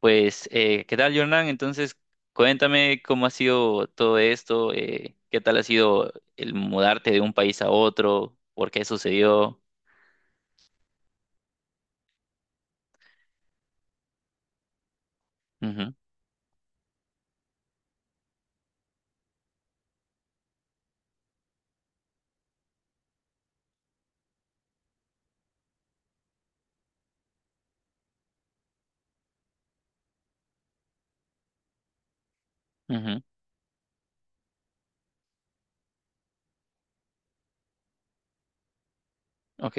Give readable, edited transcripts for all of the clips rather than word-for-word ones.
Pues, ¿qué tal, Jordan? Entonces, cuéntame cómo ha sido todo esto, qué tal ha sido el mudarte de un país a otro, por qué sucedió. Ujú, ujú, ok,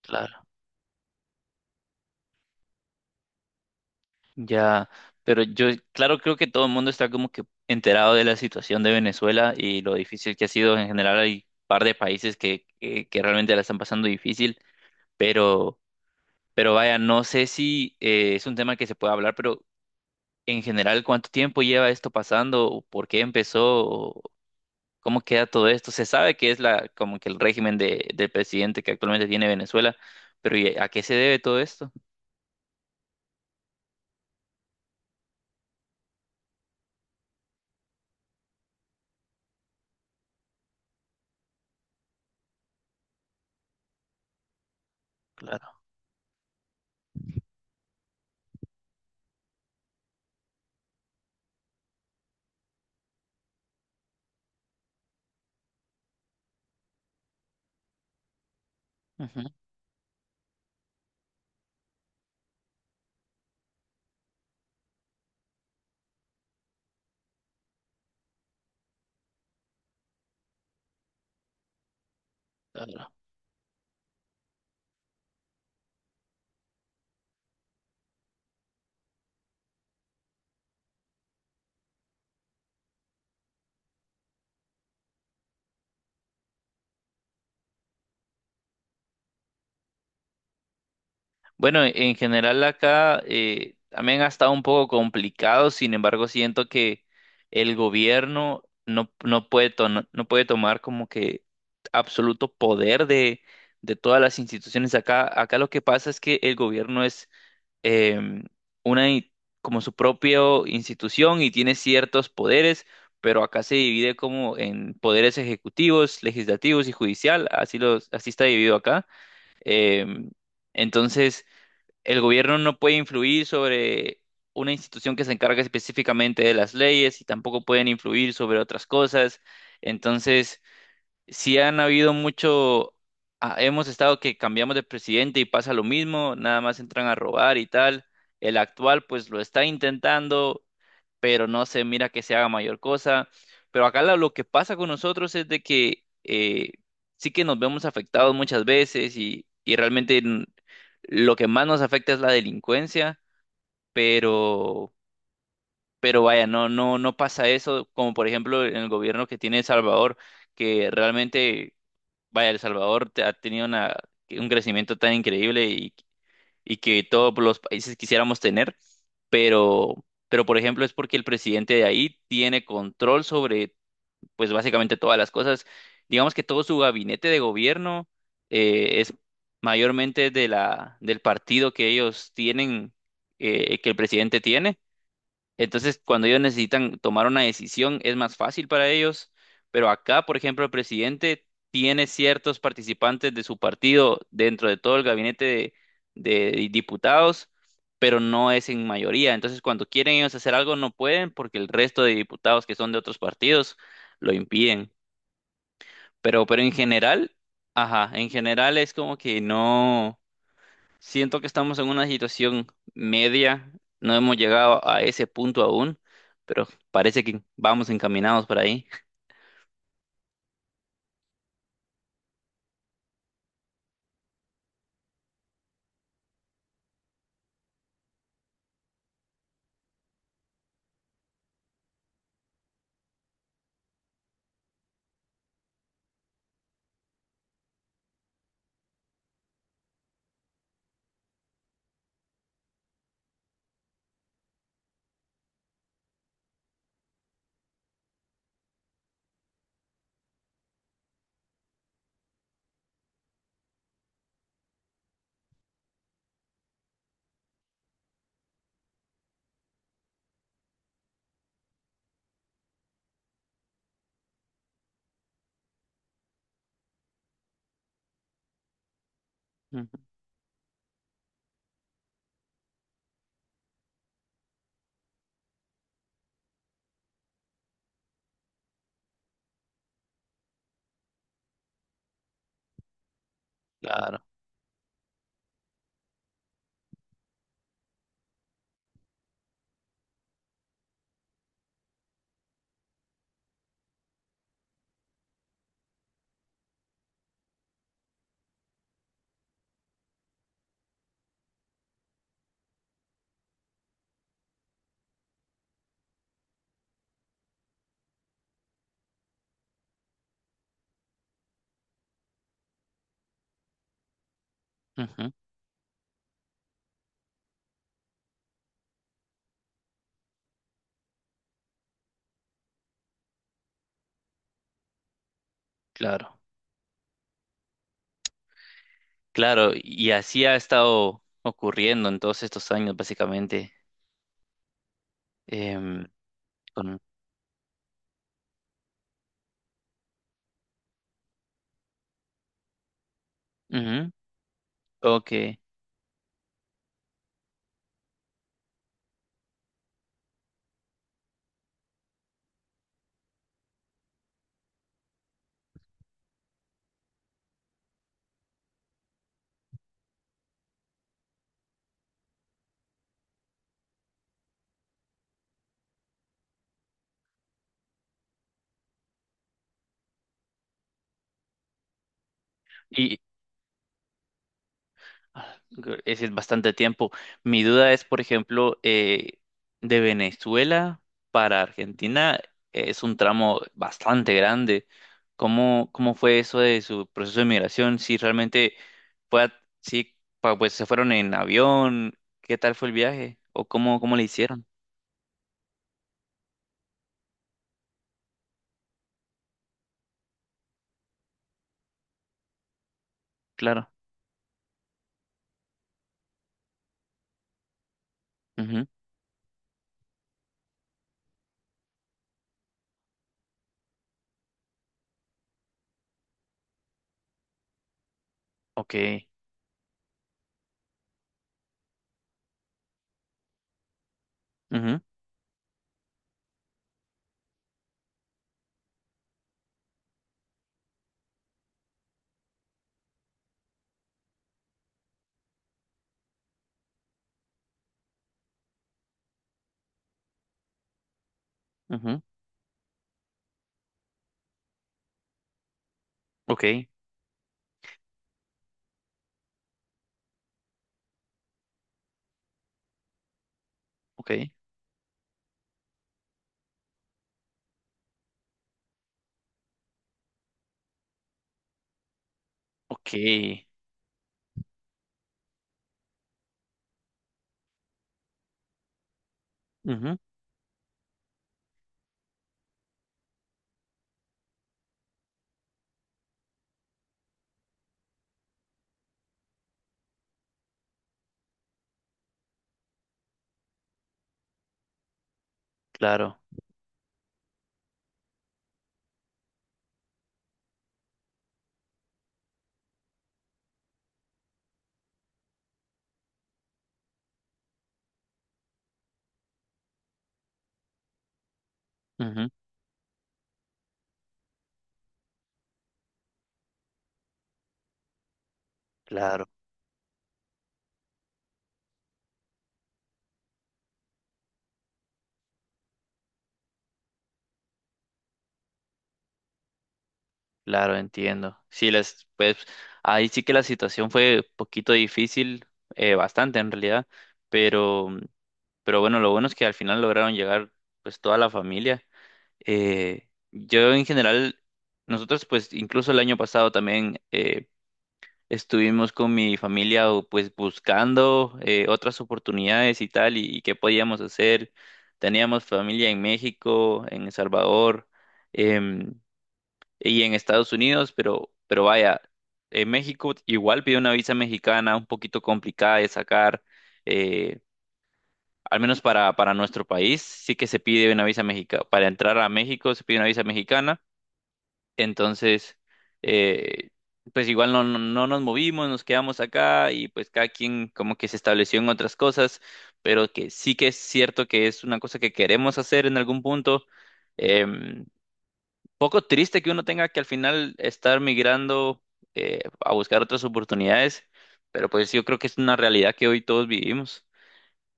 claro, ya. Pero yo, claro, creo que todo el mundo está como que enterado de la situación de Venezuela y lo difícil que ha sido. En general, hay un par de países que realmente la están pasando difícil, pero, pero vaya, no sé si es un tema que se puede hablar, pero en general, ¿cuánto tiempo lleva esto pasando? ¿O por qué empezó? ¿O cómo queda todo esto? Se sabe que es como que el régimen del presidente que actualmente tiene Venezuela, pero ¿y a qué se debe todo esto? Claro, ujú, claro. Bueno, en general acá también ha estado un poco complicado. Sin embargo, siento que el gobierno no puede, no puede tomar como que absoluto poder de todas las instituciones acá. Acá lo que pasa es que el gobierno es em, una i- como su propia institución y tiene ciertos poderes, pero acá se divide como en poderes ejecutivos, legislativos y judicial, así los, así está dividido acá. Em, entonces, el gobierno no puede influir sobre una institución que se encarga específicamente de las leyes y tampoco pueden influir sobre otras cosas. Entonces, si han habido mucho, ah, hemos estado que cambiamos de presidente y pasa lo mismo, nada más entran a robar y tal. El actual pues lo está intentando, pero no se mira que se haga mayor cosa. Pero acá lo que pasa con nosotros es de que sí que nos vemos afectados muchas veces y realmente lo que más nos afecta es la delincuencia, pero, pero vaya, no pasa eso como por ejemplo en el gobierno que tiene El Salvador, que realmente... Vaya, El Salvador ha tenido una, un crecimiento tan increíble y que todos los países quisiéramos tener, pero por ejemplo es porque el presidente de ahí tiene control sobre, pues básicamente todas las cosas. Digamos que todo su gabinete de gobierno es mayormente de del partido que ellos tienen, que el presidente tiene. Entonces, cuando ellos necesitan tomar una decisión, es más fácil para ellos. Pero acá, por ejemplo, el presidente tiene ciertos participantes de su partido dentro de todo el gabinete de diputados, pero no es en mayoría. Entonces, cuando quieren ellos hacer algo, no pueden porque el resto de diputados que son de otros partidos lo impiden. Pero en general, ajá, en general es como que no. Siento que estamos en una situación media, no hemos llegado a ese punto aún, pero parece que vamos encaminados por ahí. Ujú, claro, ujú, claro, claro, y así ha estado ocurriendo en todos estos años, básicamente. em, con, ujú, ok. Y, es decir, bastante tiempo. Mi duda es, por ejemplo, de Venezuela para Argentina es un tramo bastante grande. Cómo fue eso de su proceso de migración? Si realmente fue, a- si pa- pues se fueron en avión, ¿qué tal fue el viaje? ¿O cómo le hicieron? Claro. Ujú. Ok. Ujú, ujú. Ok. Ok. Ok. Ujú. Claro. Ujú. Claro. Claro, entiendo. Sí, les, pues ahí sí que la situación fue poquito difícil, bastante en realidad, pero, pero bueno, lo bueno es que al final lograron llegar pues toda la familia. Yo en general, nosotros pues incluso el año pasado también estuvimos con mi familia o, pues buscando otras oportunidades y tal, y qué podíamos hacer. Teníamos familia en México, en El Salvador, em, y en Estados Unidos, pero vaya, en México igual pide una visa mexicana un poquito complicada de sacar, eh, al menos para nuestro país, sí que se pide una visa mexicana, para entrar a México se pide una visa mexicana. Entonces, eh, pues igual no nos movimos, nos quedamos acá y pues cada quien como que se estableció en otras cosas, pero que sí que es cierto que es una cosa que queremos hacer en algún punto. em, poco triste que uno tenga que al final estar migrando a buscar otras oportunidades, pero pues yo creo que es una realidad que hoy todos vivimos.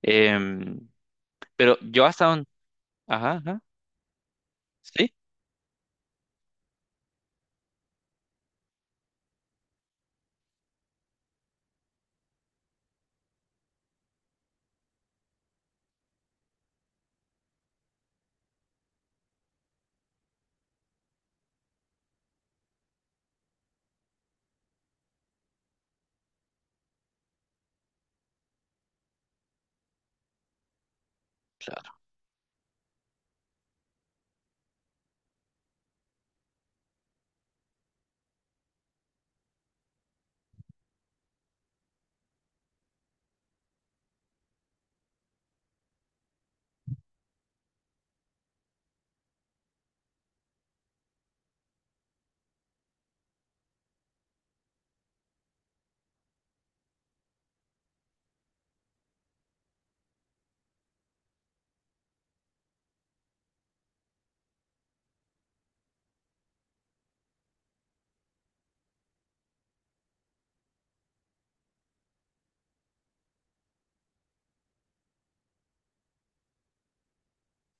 Em, pero yo hasta un... Ajá, ajá, sí, claro.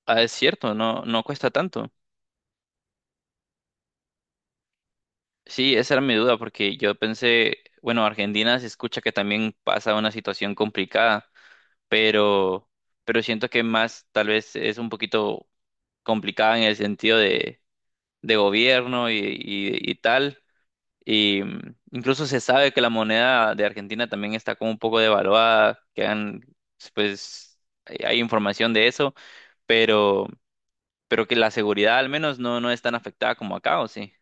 Ah, es cierto, no, no cuesta tanto. Sí, esa era mi duda porque yo pensé, bueno, Argentina se escucha que también pasa una situación complicada, pero, pero siento que más tal vez es un poquito complicada en el sentido de gobierno y y tal. Y mm, incluso se sabe que la moneda de Argentina también está como un poco devaluada, que han, pues hay información de eso, pero, pero que la seguridad al menos no es tan afectada como acá, ¿o sí?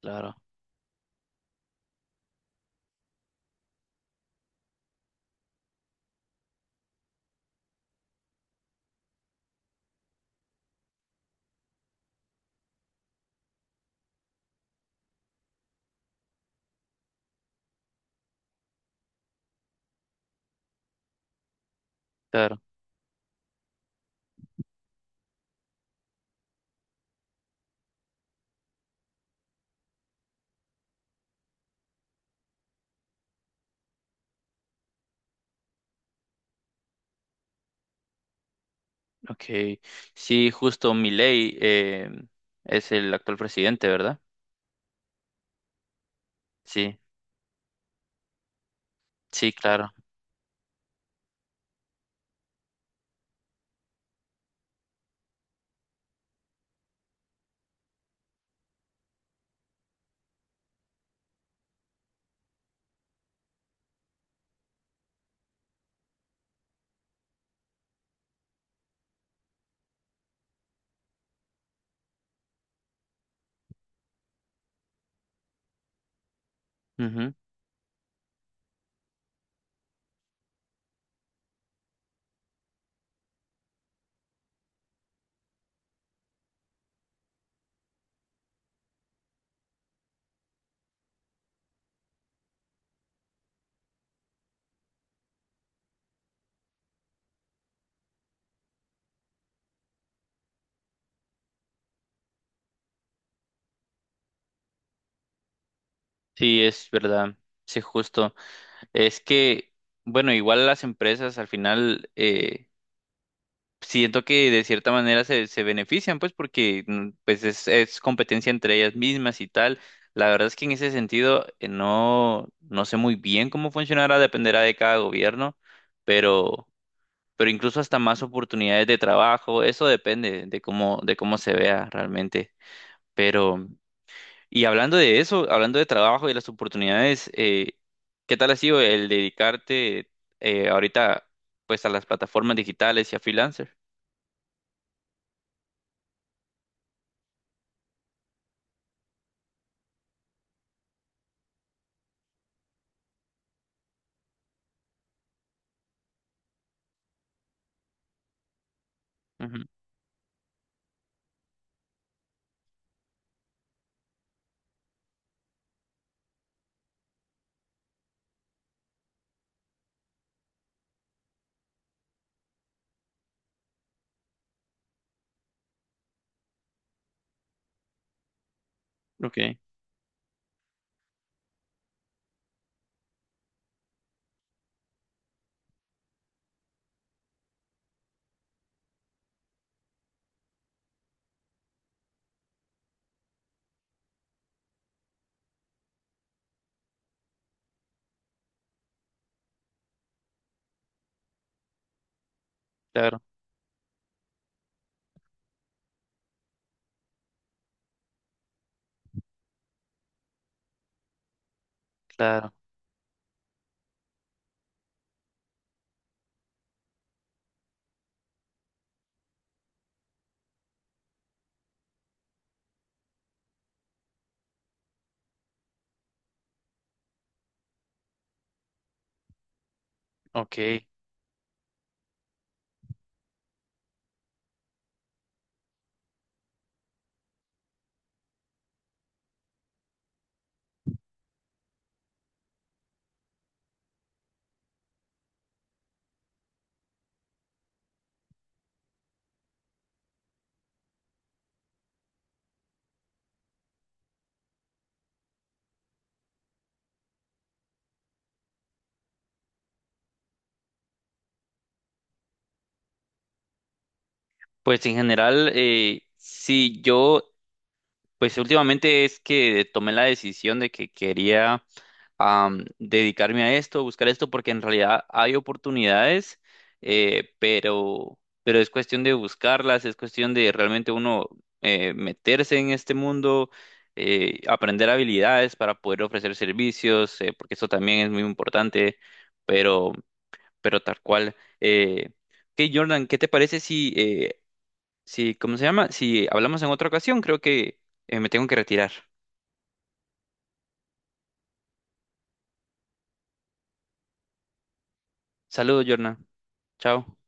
Claro, claro. Ok. Sí, justo Milei es el actual presidente, ¿verdad? Sí, sí, claro. Ujú. Sí, es verdad. Sí, justo. Es que, bueno, igual las empresas al final... siento que de cierta manera se benefician, pues, porque pues es competencia entre ellas mismas y tal. La verdad es que en ese sentido no, no sé muy bien cómo funcionará, dependerá de cada gobierno, pero, pero incluso hasta más oportunidades de trabajo, eso depende de cómo se vea realmente. Pero, y hablando de eso, hablando de trabajo y las oportunidades, ¿qué tal ha sido el dedicarte ahorita pues a las plataformas digitales y a freelancer? Ujú, ok, claro, claro, ok. Pues en general, sí, yo, pues últimamente es que tomé la decisión de que quería dedicarme a esto, buscar esto, porque en realidad hay oportunidades, eh, pero, pero es cuestión de buscarlas, es cuestión de realmente uno meterse en este mundo, aprender habilidades para poder ofrecer servicios, porque eso también es muy importante, pero... pero tal cual. Ok, Jordan, ¿qué te parece si, si, ¿cómo se llama? Si hablamos en otra ocasión, creo que me tengo que retirar. Saludos, Jordan. Chao.